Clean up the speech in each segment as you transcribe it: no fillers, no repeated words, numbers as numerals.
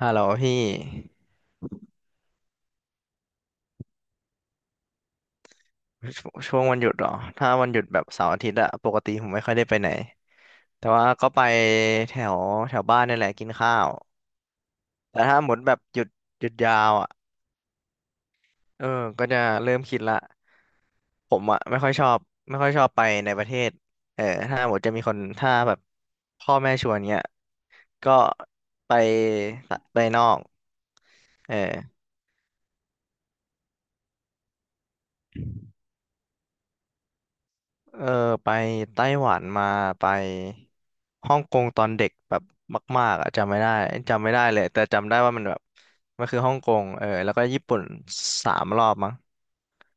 ฮัลโหลพี่ชช่วงวันหยุดเหรอถ้าวันหยุดแบบเสาร์อาทิตย์อะปกติผมไม่ค่อยได้ไปไหนแต่ว่าก็ไปแถวแถวบ้านนี่แหละกินข้าวแต่ถ้าหมดแบบหยุดยาวอะเออก็จะเริ่มคิดละผมอะไม่ค่อยชอบไปในประเทศเออถ้าหมดจะมีคนถ้าแบบพ่อแม่ชวนเงี้ยก็ไปไปนอกเออ เออไปไต้หวันมาไปฮ่องกงตอนเด็กแบบมากๆอะจำไม่ได้เลยแต่จำได้ว่ามันแบบมันคือฮ่องกงเออแล้วก็ญี่ปุ่น3 รอบมั้ง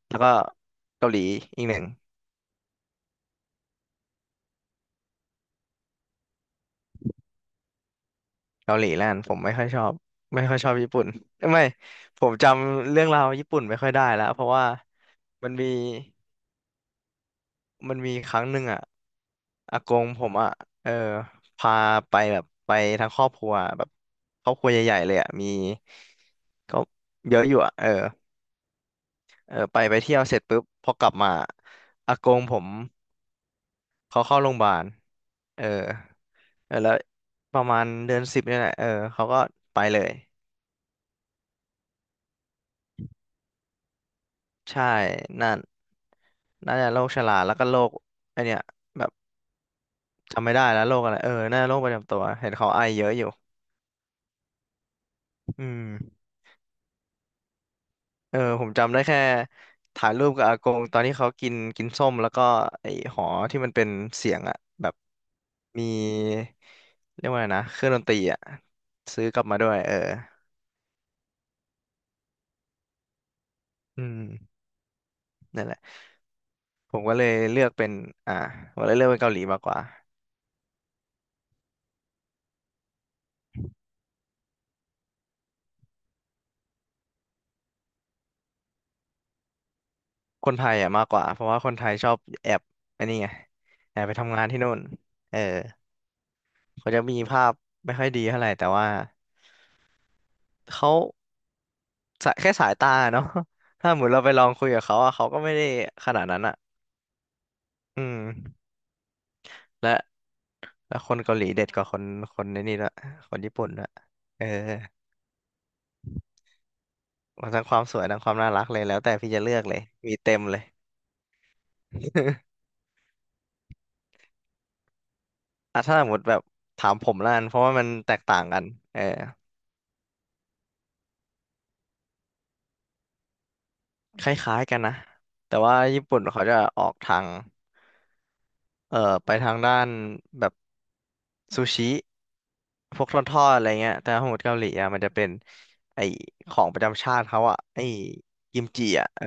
แล้วก็เกาหลีอีกหนึ่งเกาหลีแล้วกันผมไม่ค่อยชอบญี่ปุ่นเอ้ยไม่ผมจำเรื่องราวญี่ปุ่นไม่ค่อยได้แล้วเพราะว่ามันมี ครั้งหนึ่งอ่ะอากงผมอ่ะเออพาไปแบบไปทั้งครอบครัวแบบครอบครัวใหญ่ๆเลยอ่ะมีก็เยอะอยู่อ่ะเออเออไปเที่ยวเสร็จปุ๊บพอกลับมาอากงผมเขาเข้าโรงพยาบาลเออเออแล้วประมาณเดือน 10เนี่ยแหละเออเขาก็ไปเลยใช่นั่นน่าจะโรคชราแล้วก็โรคไอเนี้ยแบบจำไม่ได้แล้วโรคอะไรเออน่าจะโรคประจำตัวเห็นเขาไอเยอะอยู่อืม เออผมจำได้แค่ถ่ายรูปกับอากงตอนที่เขากินกินส้มแล้วก็ไอ้หอที่มันเป็นเสียงอะแบบมีเรียกว่าไงนะเครื่องดนตรีอะซื้อกลับมาด้วยเอออืมนั่นแหละผมก็เลยเลือกเป็นอ่าผมเลยเลือกเป็นเกาหลีมากกว่าคนไทยอะมากกว่าเพราะว่าคนไทยชอบแอบอันนี้ไงแอบไปทำงานที่นู่นเออเขาจะมีภาพไม่ค่อยดีเท่าไหร่แต่ว่าเขา สายแค่สายตาเนาะ ถ้าเหมือนเราไปลองคุยกับเขาอะเขาก็ไม่ได้ขนาดนั้นอะอืมและและคนเกาหลีเด็ดกว่าคนในนี่ละคนญี่ปุ่นละเออมันทั้งความสวยทั้งความน่ารักเลยแล้วแต่พี่จะเลือกเลยมีเต็มเลย อ่ะถ้าสมมติแบบถามผมละกันเพราะว่ามันแตกต่างกันเออ คล้ายๆกันนะ แต่ว่าญี่ปุ่นเขาจะออกทาง เอ่อไปทางด้านแบบซูชิ พวกทอดๆอะไรเงี้ยแต่ของเกาหลีอ่ะมันจะเป็นไอของประจำชาติเขาอ่ะไอกิมจิอ่ะเออ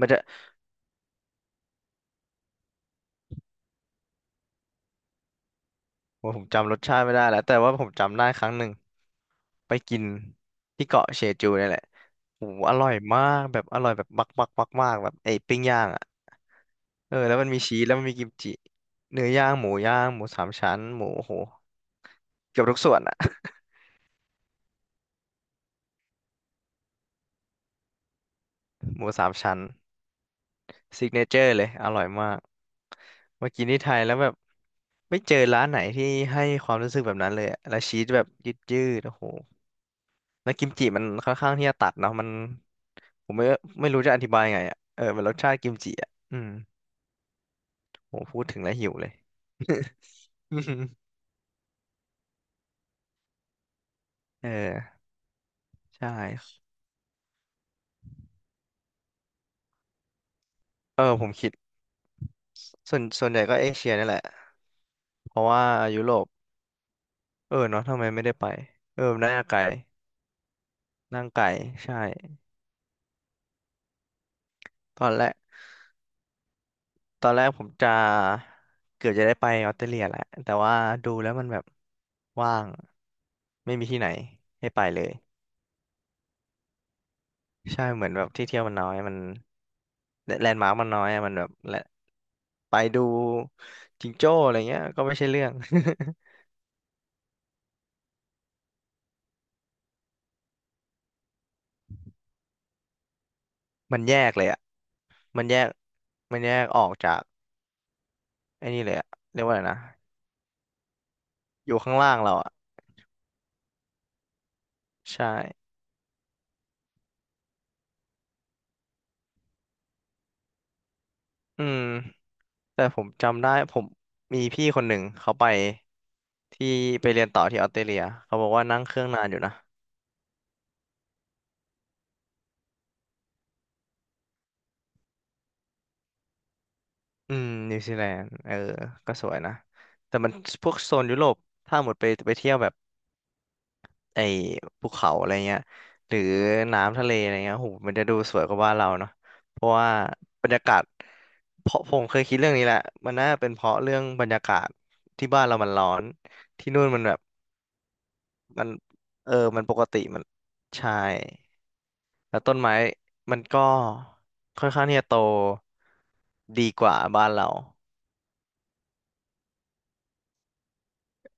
มันจะ ว่าผมจำรสชาติไม่ได้แล้วแต่ว่าผมจำได้ครั้งหนึ่งไปกินที่เกาะเชจูเนี่ยแหละโอ้โหอร่อยมากแบบอร่อยแบบบักบักบักมากแบบไอ้ปิ้งย่างอ่ะเออแล้วมันมีชีสแล้วมันมีกิมจิเนื้อย่างหมูย่างหมูสามชั้นหมูโอ้โหเกือบทุกส่วนอ่ะ หมูสามชั้นซิกเนเจอร์เลยอร่อยมากมากินที่ไทยแล้วแบบไม่เจอร้านไหนที่ให้ความรู้สึกแบบนั้นเลยอะแล้วชีสแบบยืดๆโอ้โห แล้วกิมจิมันค่อนข้างที่จะตัดเนาะมันผมไม่รู้จะอธิบายไงอ่ะเออมันรสชาติกิมจิอ่ะอืมโหพูดถึงแล้วหิวเลย เออใช่เออผมคิดส่วนใหญ่ก็เอเชียนี่แหละเพราะว่ายุโรปเออเนาะทำไมไม่ได้ไปเออน่าไกลนั่งไกลใช่ตอนแรกผมจะเกือบจะได้ไปออสเตรเลียแหละแต่ว่าดูแล้วมันแบบว่างไม่มีที่ไหนให้ไปเลย ใช่เหมือนแบบที่เที่ยวมันน้อยมันแลนด์มาร์คมันน้อยอะมันแบบและไปดูจิงโจ้อะไรเงี้ยก็ไม่ใช่เรื่อง มันแยกเลยอ่ะมันแยกมันแยกออกจากไอ้นี่เลยอ่ะเรียกว่าอะไรนะอยู่ข้างล่างเราอ่ะใช่อืมแต่ผมจำได้ผมมีพี่คนหนึ่งเขาไปที่ไปเรียนต่อที่ออสเตรเลียเขาบอกว่านั่งเครื่องนานอยู่นะอืมนิวซีแลนด์เออก็สวยนะแต่มันพวกโซนยุโรปถ้าหมดไปไปเที่ยวแบบ ไอ้ภูเขาอะไรเงี้ยหรือน้ำทะเลอะไรเงี้ยโหมันจะดูสวยกว่าบ้านเราเนาะเพราะว่าบรรยากาศเพราะผมเคยคิดเรื่องนี้แหละมันน่าเป็นเพราะเรื่องบรรยากาศที่บ้านเรามันร้อนที่นู่นมันแบบมันเออมันปกติมันใช่แล้วต้นไม้มันก็ค่อนข้างที่จะโตดีกว่าบ้านเรา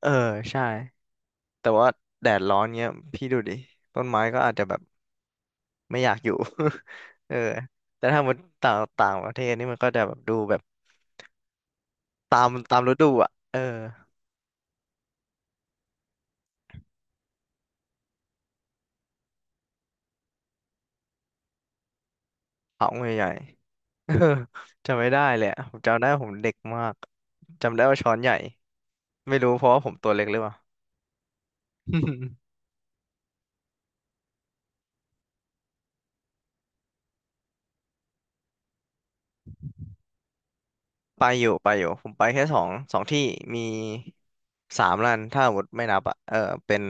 เออใช่แต่ว่าแดดร้อนเงี้ยพี่ดูดิต้นไม้ก็อาจจะแบบ ไม่อยากอยู่ เออแต่ถ้าหมดต่างต่างประเทศนี่มันก็จะแบบดูแบบตามฤดูอ่ะเออเขาใหญ่ๆ เออจำไม่ได้เลยอะผมจำได้ว่าผมเด็กมากจำได้ว่าช้อนใหญ่ ไม่รู้เพราะว่าผมตัวเล็กหรือเปล่า ไปอยู่ผมไปแค่สองที่มีสามร้านถ้าหมดไม่นับอ่ะเออเป็น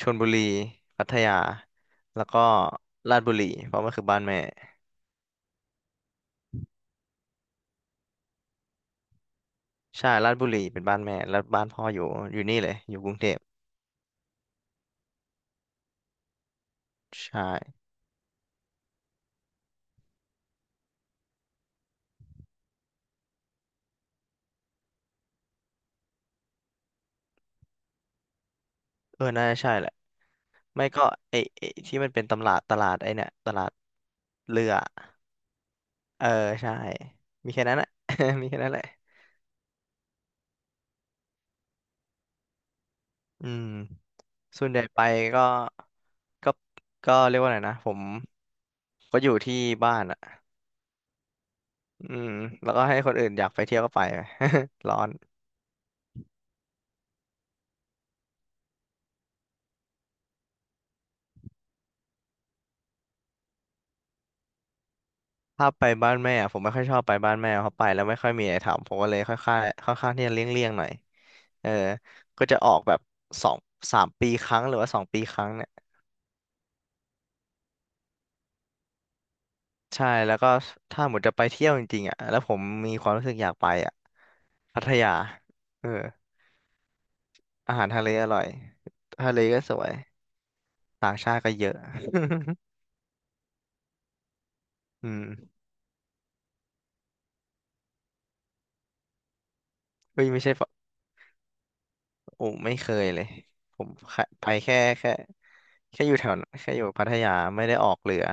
ชลบุรีพัทยาแล้วก็ลาดบุรีเพราะมันคือบ้านแม่ใช่ลาดบุรีเป็นบ้านแม่แล้วบ้านพ่ออยู่อยู่นี่เลยอยู่กรุงเทพ ใช่เออน่าจะใช่แหละไม่ก็ไอ้ที่มันเป็นตำลาดตลาดไอ้เนี่ยตลาดเรือเออใช่มีแค่นั้นแหละ มีแค่นั้นแหละอืมส่วนใหญ่ไปก็ก็ก็เรียกว่าไงนะผมก็อยู่ที่บ้านอ่ะอืมแล้วก็ให้คนอื่นอยากไปเที่ยวก็ไป ร้อนถ้าไปบ้านแม่อะผมไม่ค่อยชอบไปบ้านแม่เพราะไปแล้วไม่ค่อยมีอะไรทำผมก็เลยค่อยค่อยค่อนข้างที่จะเลี่ยงๆหน่อยเออก็จะออกแบบสองสามปีครั้งหรือว่าสองปีครั้งเนี่ย ใช่แล้วก็ถ้าหมดจะไปเที่ยวจริงๆอ่ะแล้วผมมีความรู้สึกอยากไปอ่ะพัทยาเอออาหารทะเลอร่อยทะเลก็สวยต่างชาติก็เยอะ อืมเฮ้ยไม่ใช่ปะโอ้ไม่เคยเลยผมแค่ไปแค่แค่อยู่แถวนั้นแค่อยู่พัทยาไม่ได้ออกเรือ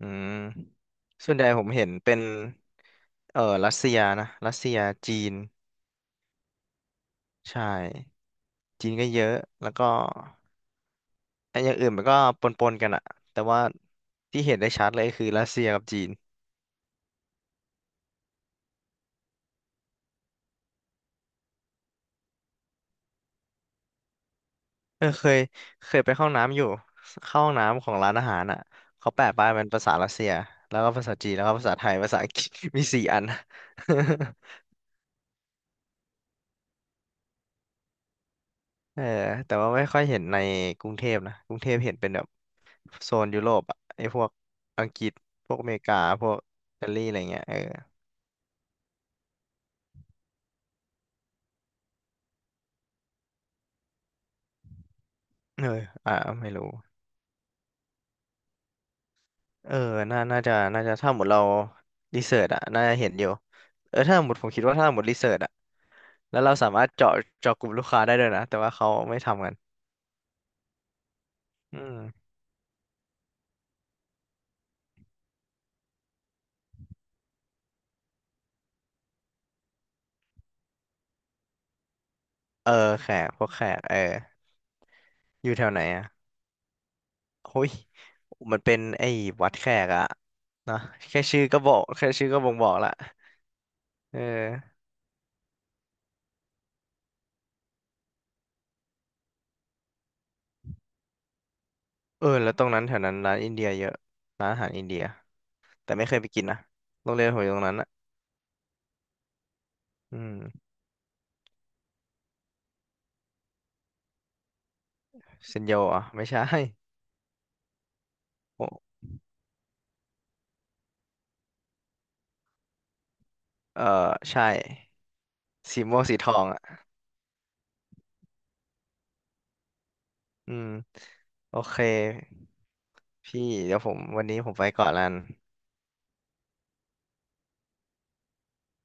อืมส่วนใหญ่ผมเห็นเป็นรัสเซียนะรัสเซียจีนใช่จีนก็เยอะแล้วก็ ไอ้อย่างอื่นมันก็ปนๆกันอะแต่ว่าที่เห็นได้ชัดเลยคือรัสเซียกับจีนเคยเคยไปเข้าห้องน้ำอยู่เข้าห้องน้ำของร้านอาหารอ่ะเขาแปะป้ายเป็นภาษารัสเซียแล้วก็ภาษาจีนแล้วก็ภาษาไทยภาษาอังกฤษ มีสี่อัน เออแต่ว่าไม่ค่อยเห็นในกรุงเทพนะกรุงเทพเห็นเป็นแบบโซนยุโรปอะไอ้พวกอังกฤษพวกอเมริกาพวกอิตาลีอะไรเงี้ยเออเออไม่รู้ เออน่าจะ ถ้าหมดเรารีเสิร์ชอะน่าจะเห็นอยู่เออถ้าหมดผมคิดว่าถ้าหมดรีเสิร์ชอะแล้วเราสามารถเจาะกลุ่มลูกค้าได้ด้วยนะแต่ว่าเขาไม่ทำกันอืมเออแขกพวกแขกอยู่แถวไหนอะโอ้ย มันเป็นไอ้วัดแขกอะนะแค่ชื่อก็บอกแค่ชื่อก็บ่งบอกละเออเออแล้วตรงนั้นแถวนั้นร้านอินเดียเยอะร้านอาหารอินเดียแต่ไม่เคยไปกินนะโรงเรียนผมอยู่ตรงนั้นอะอืมเซนโยอ่ะไม่ใช่ เออใช่สีม่วงสีทองอ่ะอืมโอเคพี่เดี๋ยวผมวันนี้ผมไปก่อนละกัน